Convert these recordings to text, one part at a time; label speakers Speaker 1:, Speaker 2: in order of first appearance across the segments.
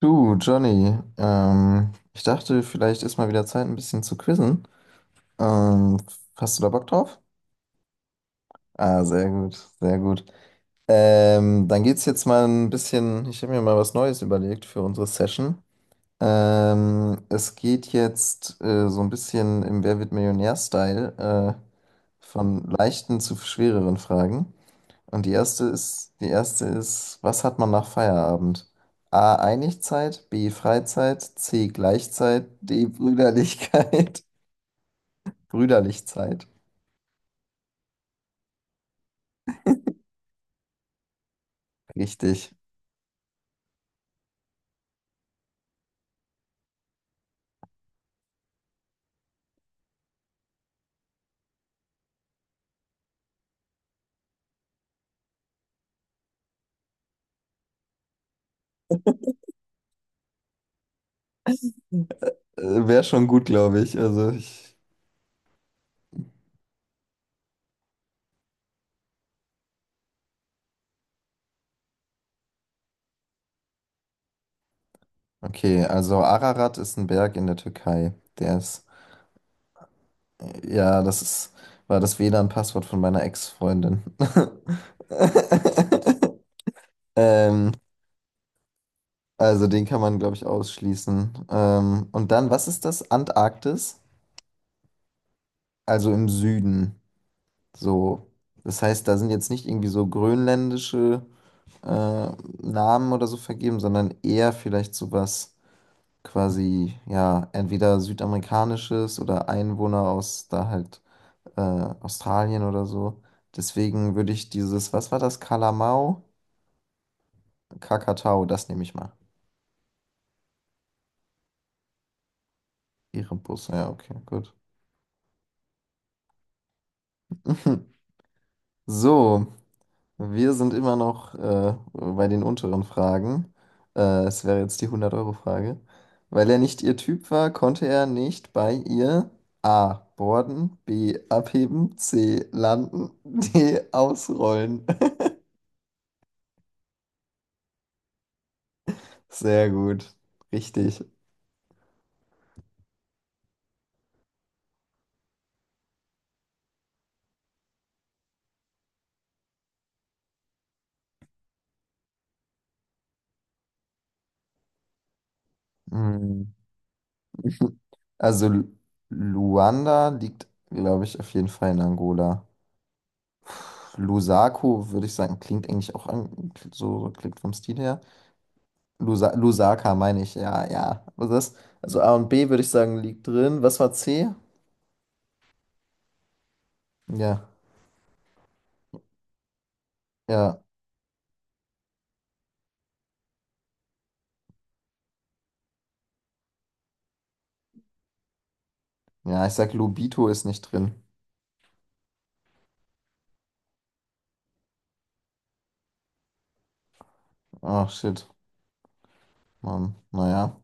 Speaker 1: Du, Johnny, ich dachte, vielleicht ist mal wieder Zeit, ein bisschen zu quizzen. Ähm, hast du da Bock drauf? Ah, sehr gut, sehr gut. Dann geht's jetzt mal ein bisschen, ich habe mir mal was Neues überlegt für unsere Session. Es geht jetzt so ein bisschen im Wer wird Millionär-Style von leichten zu schwereren Fragen. Und die erste ist, was hat man nach Feierabend? A. Einigzeit, B. Freizeit, C. Gleichzeit, D. Brüderlichkeit. Brüderlichzeit. Richtig. Wäre schon gut, glaube ich. Also ich. Okay, also Ararat ist ein Berg in der Türkei. Der ist. Ja, war das WLAN-Passwort von meiner Ex-Freundin. Ähm, also den kann man, glaube ich, ausschließen. Und dann, was ist das? Antarktis? Also im Süden. So. Das heißt, da sind jetzt nicht irgendwie so grönländische äh, Namen oder so vergeben, sondern eher vielleicht sowas quasi, ja, entweder südamerikanisches oder Einwohner aus da halt Australien oder so. Deswegen würde ich dieses, was war das, Kalamau? Kakatau, das nehme ich mal. Erebus, ja, okay, gut. So. Wir sind immer noch bei den unteren Fragen. Es wäre jetzt die 100-Euro-Frage. Weil er nicht ihr Typ war, konnte er nicht bei ihr A. Borden, B. Abheben, C. Landen, D. Ausrollen. Sehr gut. Richtig. Hm. Also Luanda liegt, glaube ich, auf jeden Fall in Angola. Lusako, würde ich sagen, klingt eigentlich auch an, so klingt vom Stil her. Lusaka meine ich, ja, ja. Also, das, also A und B würde ich sagen, liegt drin. Was war C? Ja, ja, ja, ich sag, Lobito ist nicht drin. Ach, shit. Mann, naja.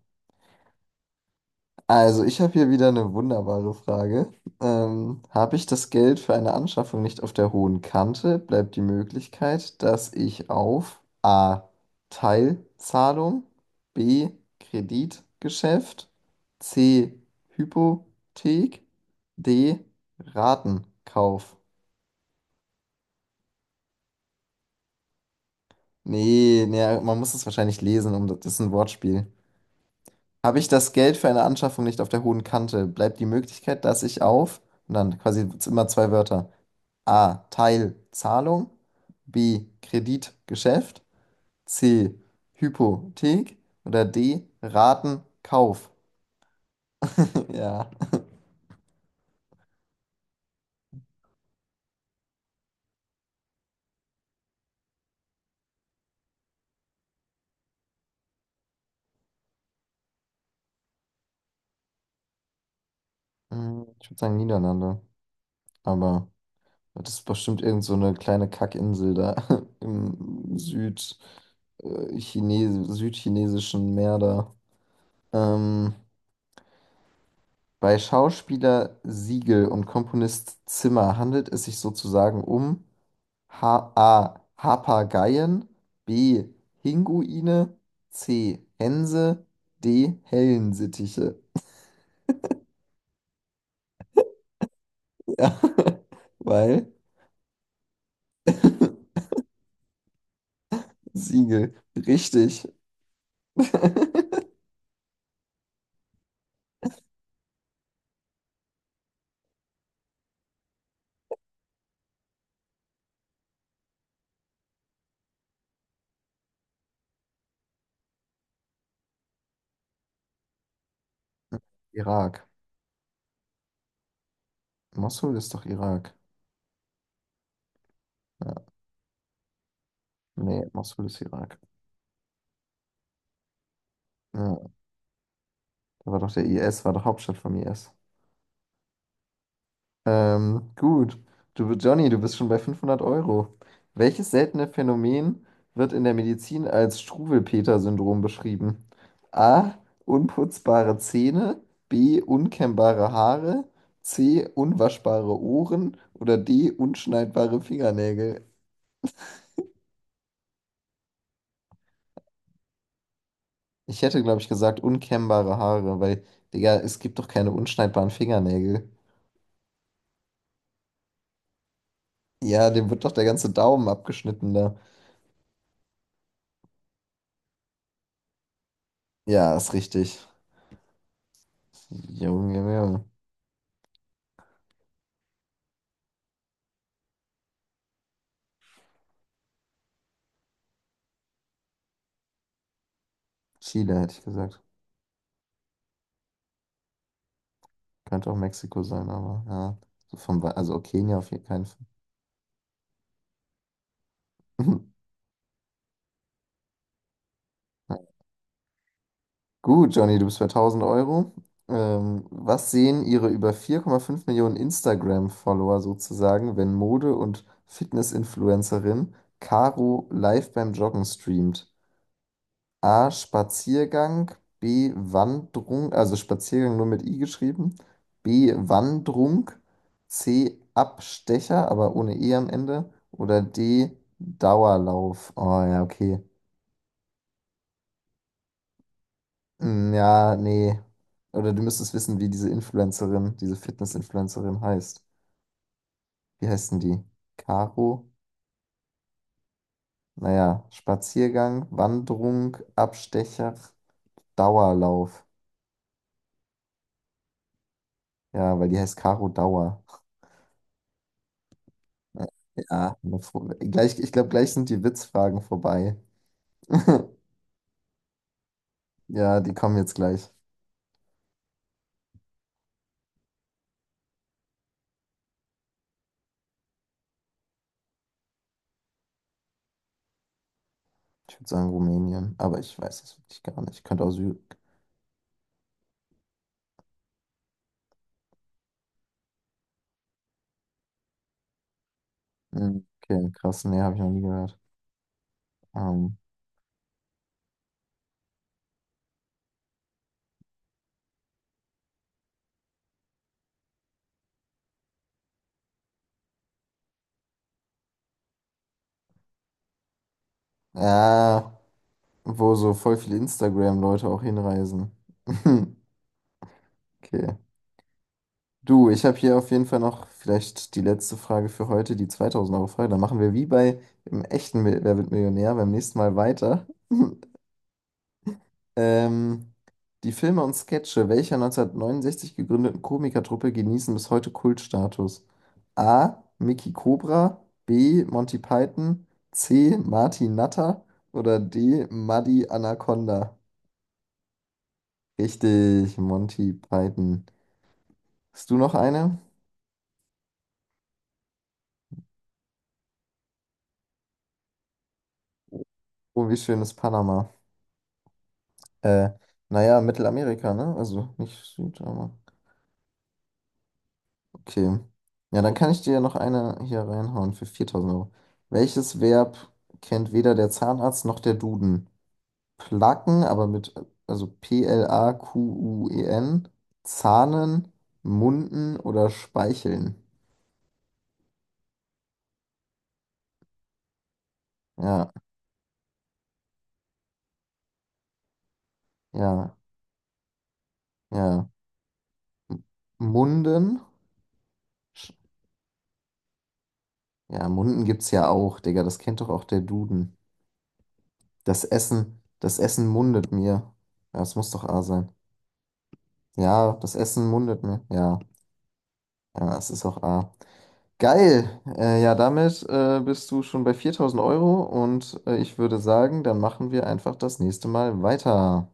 Speaker 1: Also, ich habe hier wieder eine wunderbare Frage. Habe ich das Geld für eine Anschaffung nicht auf der hohen Kante, bleibt die Möglichkeit, dass ich auf A. Teilzahlung, B. Kreditgeschäft, C. Hypothek, D. Ratenkauf. Nee, nee, man muss es wahrscheinlich lesen, um das ist ein Wortspiel. Habe ich das Geld für eine Anschaffung nicht auf der hohen Kante, bleibt die Möglichkeit, dass ich auf, und dann quasi immer zwei Wörter. A. Teilzahlung, B. Kreditgeschäft, C. Hypothek. Oder D. Ratenkauf. Ja. Ich würde sagen Niederlande. Aber das ist bestimmt irgend so eine kleine Kackinsel da im südchinesischen Meer da. Ähm, bei Schauspieler Siegel und Komponist Zimmer handelt es sich sozusagen um. H A. Papageien. B. Pinguine. C. Hänse. D. Hellensittiche. Ja, weil Siegel. Richtig. Irak. Mosul ist doch Irak. Ja. Nee, Mosul ist Irak. Ja. Da war doch der IS, war doch Hauptstadt vom IS. Gut. Du, Johnny, du bist schon bei 500 Euro. Welches seltene Phänomen wird in der Medizin als Struwelpeter-Syndrom beschrieben? A. Unputzbare Zähne. B. Unkämmbare Haare. C. Unwaschbare Ohren. Oder D. Unschneidbare Fingernägel. Ich hätte, glaube ich, gesagt, unkämmbare Haare, weil, Digga, es gibt doch keine unschneidbaren Fingernägel. Ja, dem wird doch der ganze Daumen abgeschnitten da. Ja, ist richtig. Junge, Junge. Chile hätte ich gesagt. Könnte auch Mexiko sein, aber ja. So vom, also Kenia auf jeden keinen Fall. Gut, Johnny, du bist bei 1000 Euro. Was sehen Ihre über 4,5 Millionen Instagram-Follower sozusagen, wenn Mode- und Fitness-Influencerin Caro live beim Joggen streamt? A. Spaziergang. B. Wanderung. Also Spaziergang nur mit I geschrieben. B. Wanderung. C. Abstecher, aber ohne E am Ende. Oder D. Dauerlauf. Oh ja, okay. Hm, ja, nee. Oder du müsstest wissen, wie diese Influencerin, diese Fitness-Influencerin heißt. Wie heißt denn die? Caro? Naja, Spaziergang, Wanderung, Abstecher, Dauerlauf. Ja, weil die heißt Caro Dauer. Ja, gleich, ich glaube, gleich sind die Witzfragen vorbei. Ja, die kommen jetzt gleich. Ich würde sagen Rumänien, aber ich weiß es wirklich gar nicht. Könnte auch Syrien. Okay, krass, nee, habe ich noch nie gehört. Ähm, ja, wo so voll viele Instagram-Leute auch hinreisen. Okay. Du, ich habe hier auf jeden Fall noch vielleicht die letzte Frage für heute, die 2000-Euro-Frage. Dann machen wir wie bei im echten Wer wird Millionär beim nächsten Mal weiter. Ähm, die Filme und Sketche welcher 1969 gegründeten Komikertruppe genießen bis heute Kultstatus? A. Mickey Cobra, B. Monty Python, C. Martin Natter oder D. Muddy Anaconda? Richtig, Monty Python. Hast du noch eine? Oh, wie schön ist Panama. Äh, naja, Mittelamerika, ne? Also nicht Südamerika. Okay. Ja, dann kann ich dir ja noch eine hier reinhauen für 4000 Euro. Welches Verb kennt weder der Zahnarzt noch der Duden? Placken, aber mit, also Plaquen, Zahnen, Munden oder Speicheln? Ja, ja, ja. Munden? Sch- Ja, Munden gibt's ja auch, Digga, das kennt doch auch der Duden. Das Essen mundet mir. Ja, es muss doch A sein. Ja, das Essen mundet mir. Ja, ja, es ist auch A. Geil. Ja, damit bist du schon bei 4000 Euro und ich würde sagen, dann machen wir einfach das nächste Mal weiter.